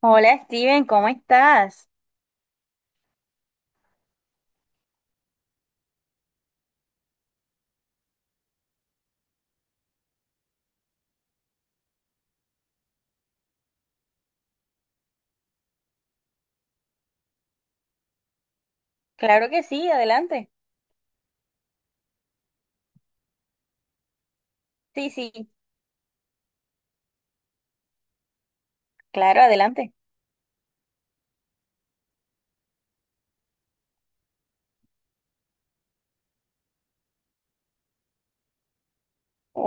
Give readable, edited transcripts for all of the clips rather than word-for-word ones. Hola Steven, ¿cómo estás? Claro que sí, adelante. Sí, sí, claro, adelante.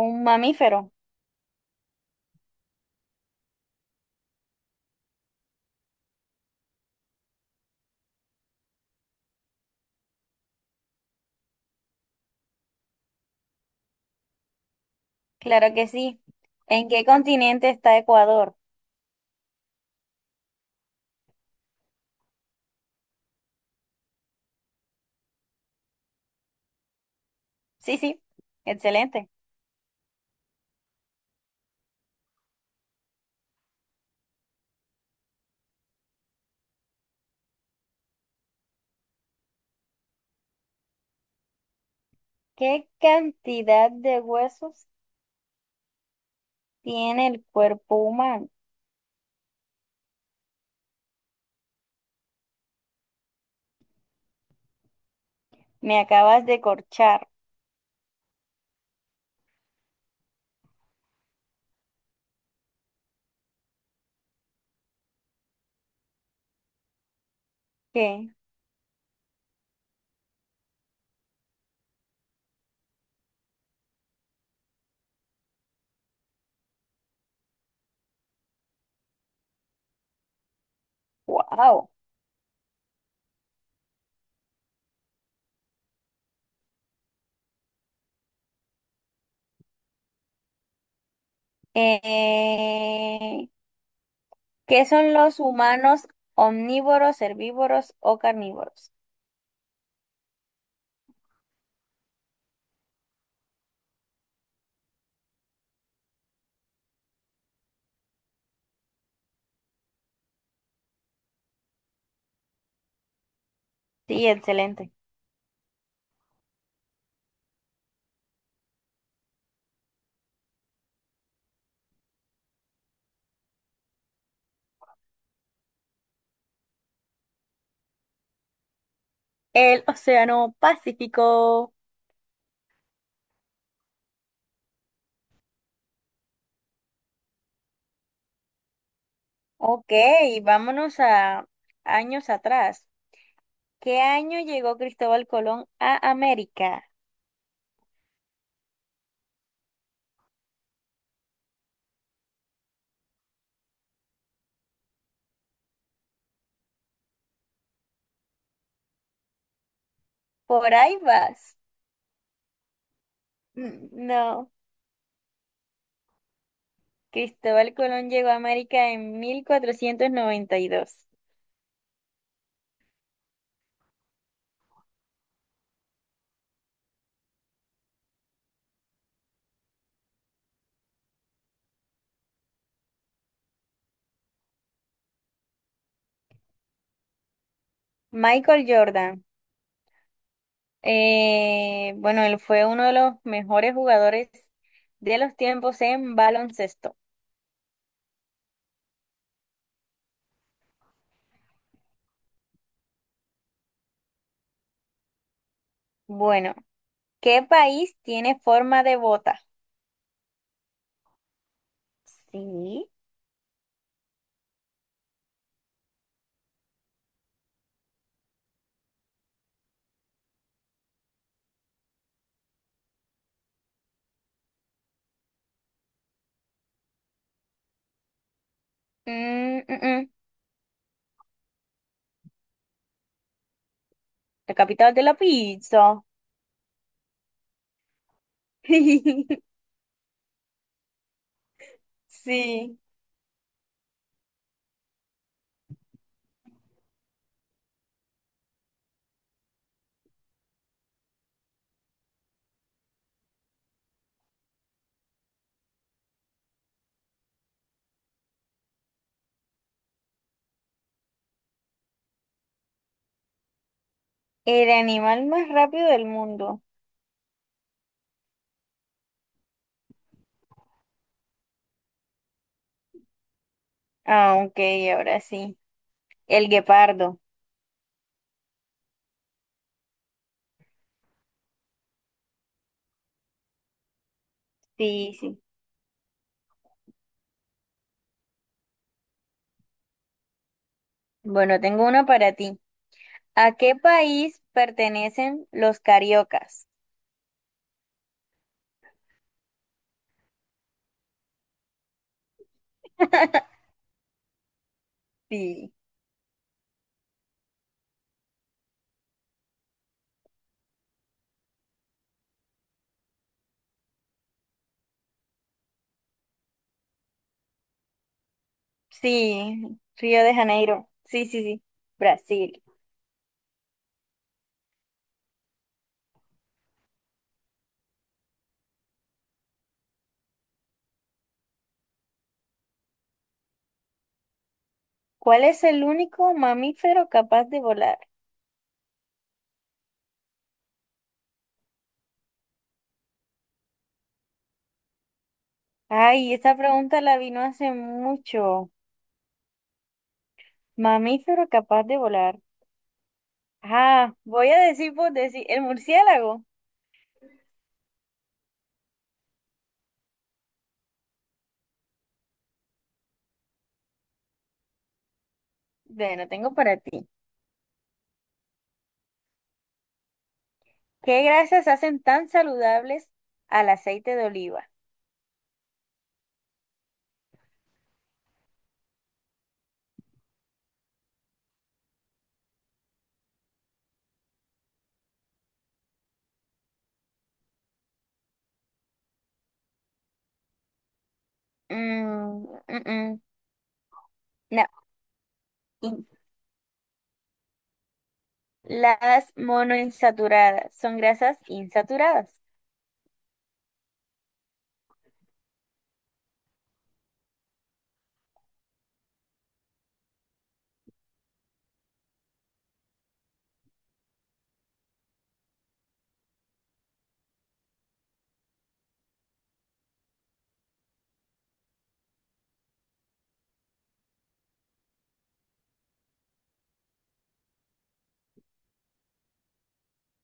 Un mamífero, claro que sí. ¿En qué continente está Ecuador? Sí, sí, excelente. ¿Qué cantidad de huesos tiene el cuerpo humano? Me acabas de corchar. ¿Qué? ¡Wow! Eh, ¿qué son los humanos omnívoros, herbívoros o carnívoros? Sí, excelente. El Océano Pacífico. Ok, vámonos a años atrás. ¿Qué año llegó Cristóbal Colón a América? Por ahí vas. Mm, no, Cristóbal Colón llegó a América en 1492. Michael Jordan, bueno, él fue uno de los mejores jugadores de los tiempos en baloncesto. Bueno, ¿qué país tiene forma de bota? Sí. Mm, mm, mm, la capital de la pizza. Sí, el animal más rápido del mundo. Ah, ok, ahora sí. El guepardo. Sí, sí. Bueno, tengo una para ti. ¿A qué país pertenecen los cariocas? Sí, sí, Río de Janeiro. Sí, sí, sí, Brasil. ¿Cuál es el único mamífero capaz de volar? Ay, esa pregunta la vino hace mucho. Mamífero capaz de volar. Ah, voy a decir por decir, el murciélago. Bueno, tengo para ti. ¿Qué grasas hacen tan saludables al aceite de oliva? Mm, mm, mm, no. In- Las monoinsaturadas son grasas insaturadas.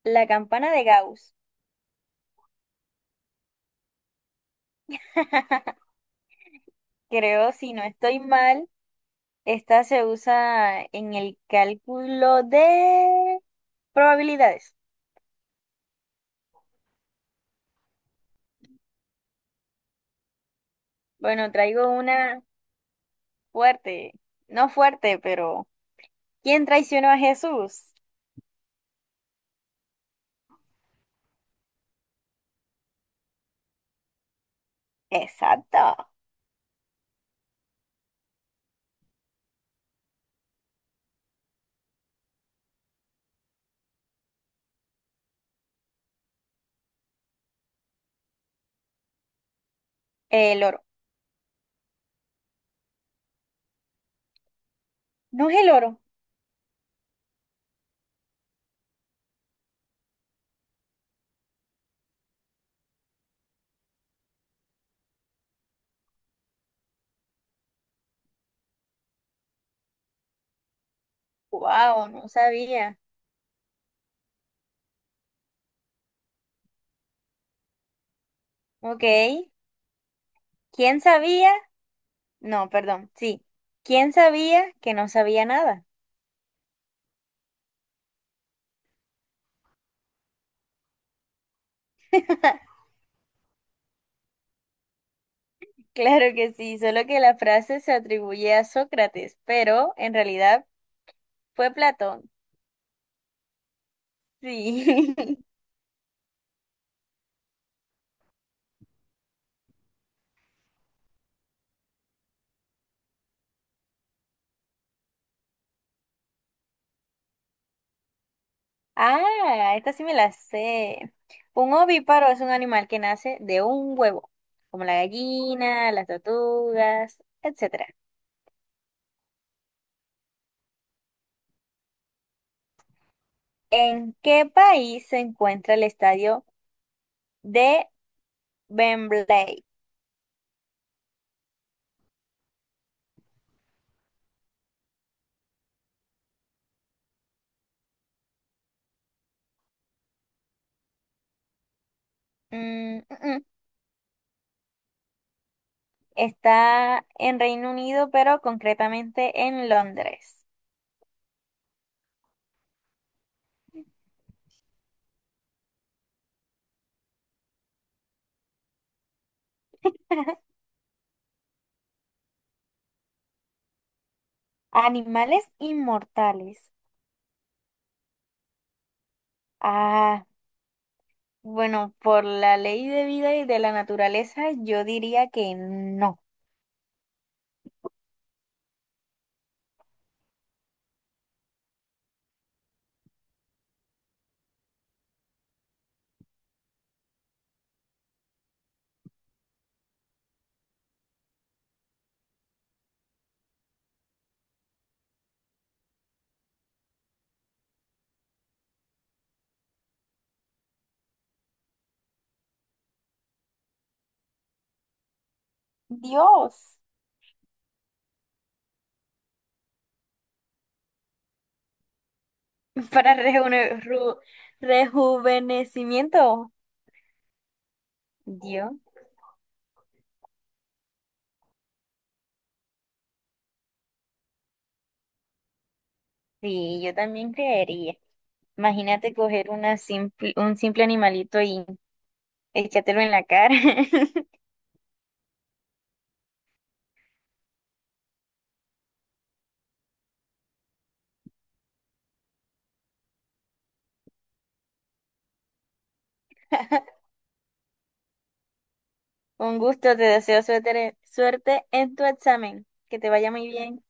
La campana de Gauss. Creo, si no estoy mal, esta se usa en el cálculo de probabilidades. Bueno, traigo una fuerte, no fuerte, pero ¿quién traicionó a Jesús? Exacto, el oro. No es el oro. Wow, no sabía. Ok. ¿Quién sabía? No, perdón, sí. ¿Quién sabía que no sabía nada? Claro que sí, solo que la frase se atribuye a Sócrates, pero en realidad fue Platón. Sí. Ah, esta sí me la sé. Un ovíparo es un animal que nace de un huevo, como la gallina, las tortugas, etcétera. ¿En qué país se encuentra el estadio de Wembley? Mm, mm, está en Reino Unido, pero concretamente en Londres. Animales inmortales. Ah, bueno, por la ley de vida y de la naturaleza, yo diría que no. Dios. Para rejuvenecimiento. Dios. Sí, yo también creería. Imagínate coger una simple, un simple animalito y échatelo en la cara. Un gusto, te deseo suerte en tu examen. Que te vaya muy bien.